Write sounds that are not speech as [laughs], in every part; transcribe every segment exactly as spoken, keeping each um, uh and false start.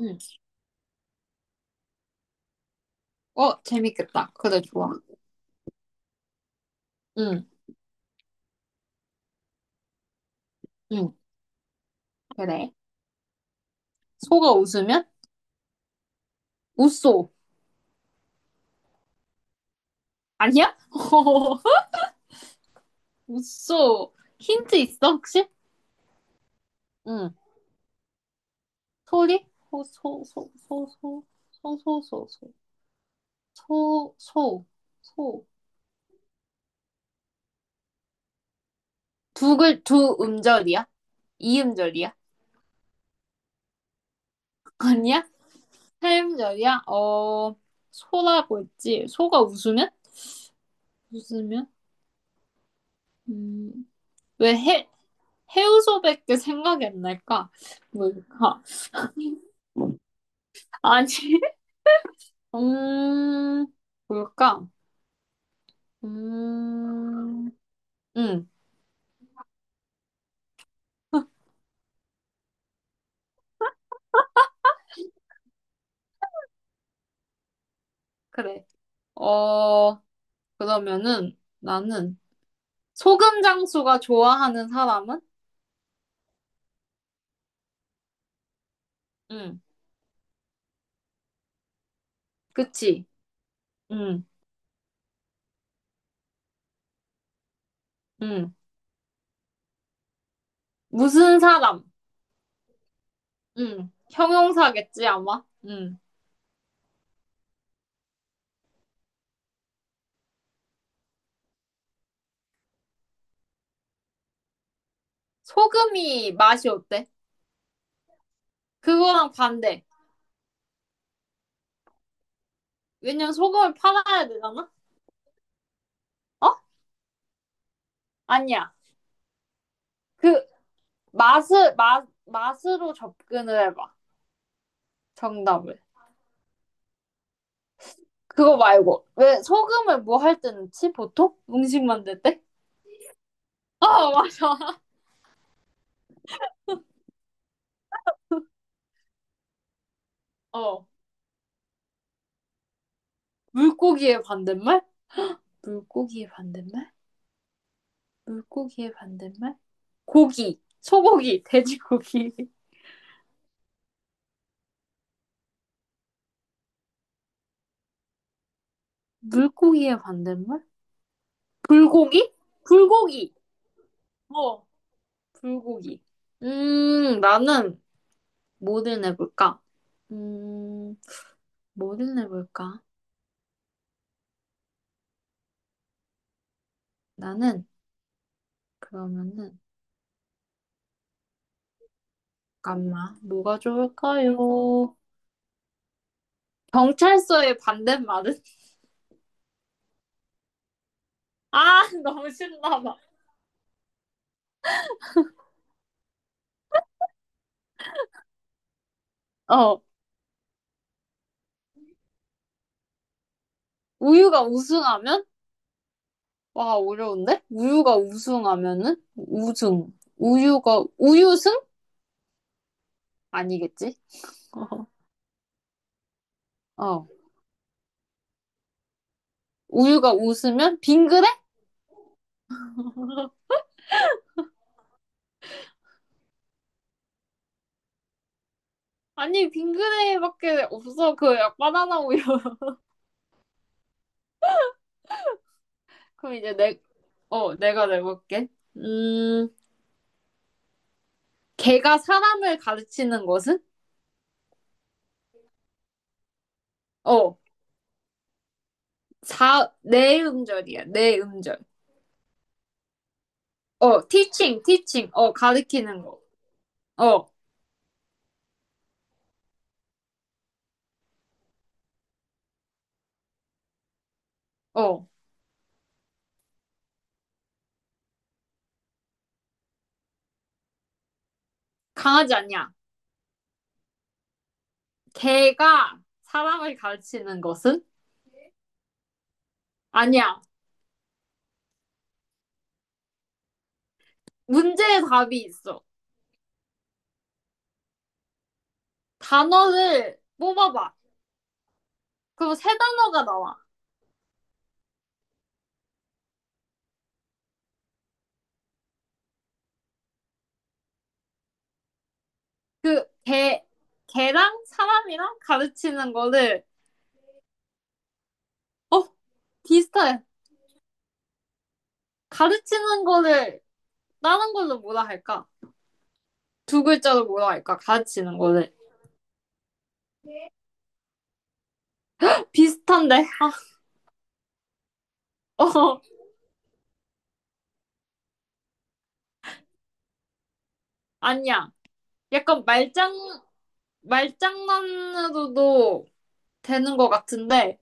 응. 어, 재밌겠다. 그래, 좋아. 응, 응, 그래. 소가 웃으면? 웃소. 아니야? [laughs] 웃소. 힌트 있어, 혹시? 응. 소리? 소, 소, 소, 소, 소, 소, 소, 소, 소, 소, 소, 소. 두 글, 두 음절이야? 이음절이야? [laughs] 아니야? 삼음절이야? 어, 소라고 했지. 소가 웃으면? 웃으면? 음, 왜 해, 해우소밖에 생각이 안 날까? 뭘까? 아니, [laughs] 음, 뭘까? 음, 응, [laughs] 그래. 어, 그러면은 나는 소금 장수가 좋아하는 사람은? 응, 그치. 응, 응. 무슨 사람? 응, 형용사겠지, 아마? 응. 소금이 맛이 어때? 그거랑 반대. 왜냐면 소금을 팔아야 되잖아? 어? 아니야. 그, 맛을, 맛, 맛으로 접근을 해봐. 정답을. 그거 말고. 왜 소금을 뭐 할 때 넣지? 보통? 음식 만들 때? 어, 맞아. 어. 물고기의 반대말? 물고기의 반대말? 물고기의 반대말? 고기. 소고기. 돼지고기. [laughs] 물고기의 반대말? 불고기? 불고기. 어. 불고기. 음, 나는 뭐를 내볼까? 음, 뭐를 내볼까? 나는 그러면은 잠깐만. 뭐가 좋을까요? 경찰서의 반대말은? 아, [laughs] 너무 신나 봐. 어, 우유가 우승하면? 와, 어려운데? 우유가 우승하면은? 우승. 우유가, 우유승? 아니겠지? [laughs] 어. 우유가 웃으면? 빙그레? 아니, 빙그레밖에 없어. 그, 약 바나나 우유. [laughs] 그럼 이제 내, 어, 내가 내볼게. 음, 걔가 사람을 가르치는 것은? 어, 사 네 음절이야. 네 음절. 어, teaching, teaching. 어, 가르치는 거. 어, 어. 강아지 아니야. 걔가 사람을 가르치는 것은? 아니야. 문제의 답이 있어. 단어를 뽑아봐. 그럼 세 단어가 나와. 그, 걔, 걔랑 사람이랑 가르치는 거를, 어, 비슷해. 가르치는 거를 다른 걸로 뭐라 할까? 두 글자로 뭐라 할까? 가르치는 거를. 비슷한데? 아, 어, 아니야. 약간 말장, 말장난으로도 되는 것 같은데,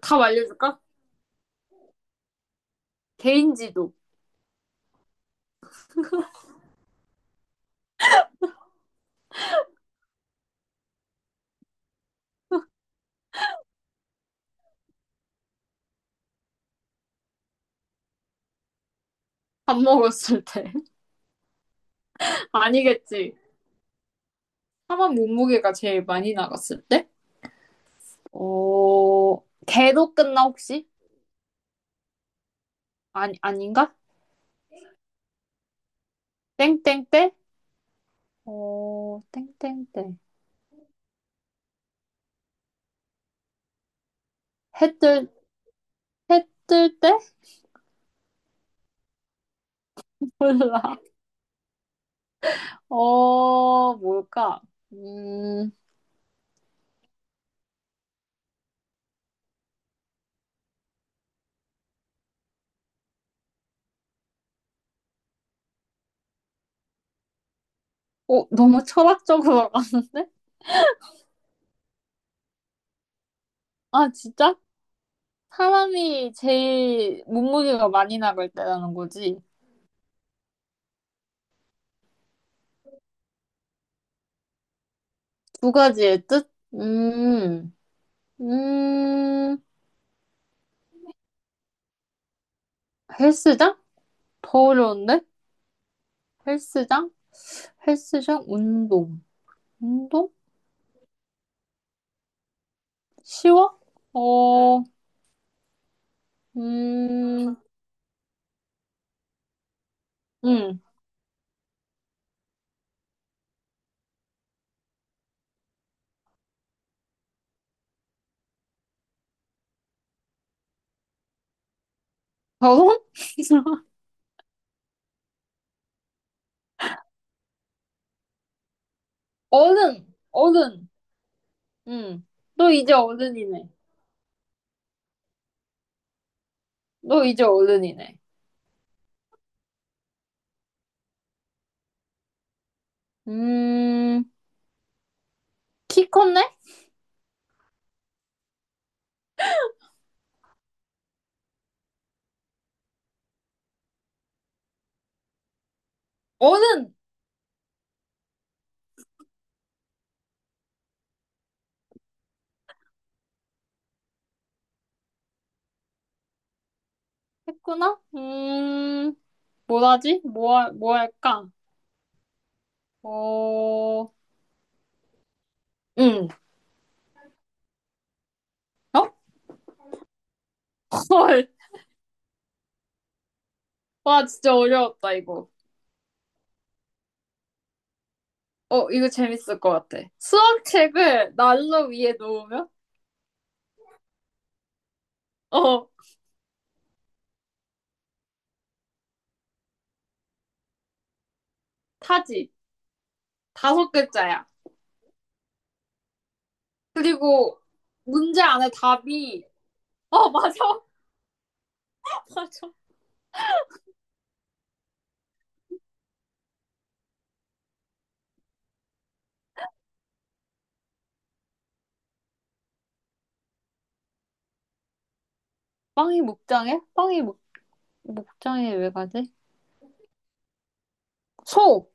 답 알려줄까? 개인지도. 밥 먹었을 때. [laughs] 아니겠지. 사람 몸무게가 제일 많이 나갔을 때? 어, 개로 끝나 혹시? 아니, 아닌가? 땡땡때? 어, 땡땡때. 해뜰, 해뜰 때? [laughs] 몰라. 어, 뭘까? 음, 어, 너무 철학적으로 갔는데? 아, 진짜? 사람이 제일 몸무게가 많이 나갈 때라는 거지. 두 가지의 뜻? 음, 음, 헬스장? 더 어려운데? 헬스장? 헬스장? 운동. 운동? 쉬워? 어, 음, 음. 결혼? [laughs] 어른! 어른! 음. 너 이제 어른이네. 너 이제 어른이네. 음, 키 컸네? 어른! 했구나? 음, 뭐라지? 뭐, 할- 뭐 할까? 어, 음. 어? [laughs] 헐. 와, 진짜 어려웠다, 이거. 어, 이거 재밌을 것 같아. 수학책을 난로 위에 놓으면? 어, 타지. 다섯 글자야. 그리고 문제 안에 답이, 어, 맞아. [laughs] 맞아. 빵이 목장에? 빵이 목, 목장에 왜 가지? 소!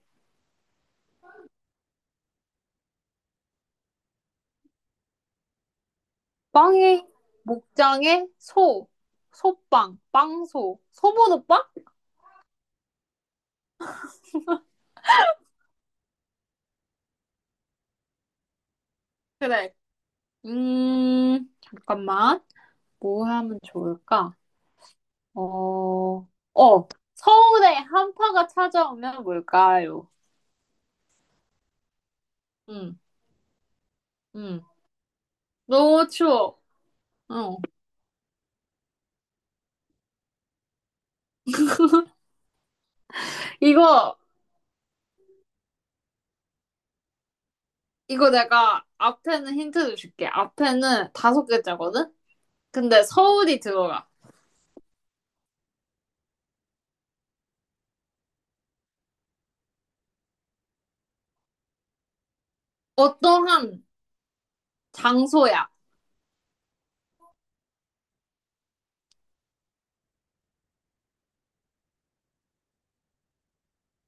빵이 목장에 소! 소빵, 빵소. 소보노빵? 그래. 음, 잠깐만. 뭐 하면 좋을까? 어, 어, 서울에 한파가 찾아오면 뭘까요? 응, 응. 너무 추워. 어. 이거, 이거 내가 앞에는 힌트를 줄게. 앞에는 다섯 글자거든? 근데 서울이 들어가. 어떠한 장소야.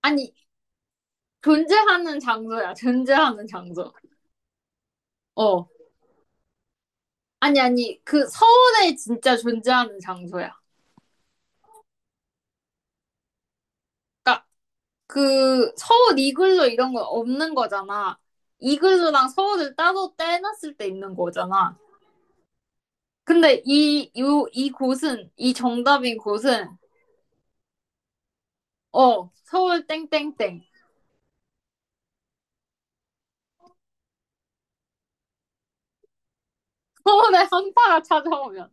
아니, 존재하는 장소야. 존재하는 장소. 어. 아니, 아니, 그 서울에 진짜 존재하는 장소야. 그러니까 그 서울 이글루 이런 건 없는 거잖아. 이글루랑 서울을 따로 떼놨을 때 있는 거잖아. 근데 이, 요, 이 곳은, 이 정답인 곳은 어, 서울 땡땡땡. 서울에 한파가 찾아오면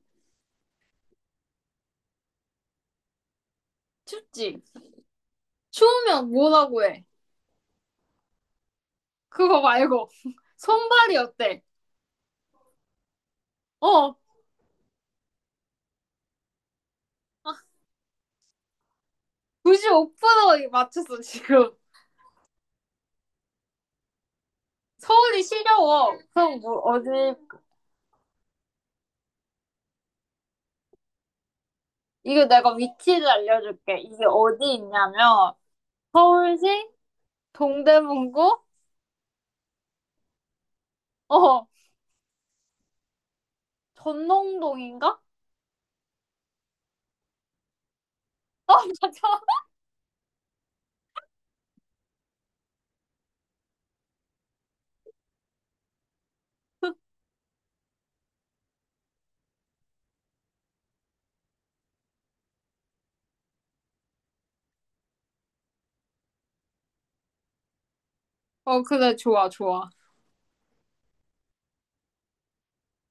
춥지. 추우면 뭐라고 해? 그거 말고 [laughs] 손발이 어때? 어, 구십오 퍼센트 맞췄어 지금. 서울이 시려워. 그럼 뭐 어디 이거 내가 위치를 알려줄게. 이게 어디 있냐면 서울시 동대문구 어 전농동인가? 어 [laughs] 맞아. 어, 그래 좋아 좋아.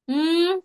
음.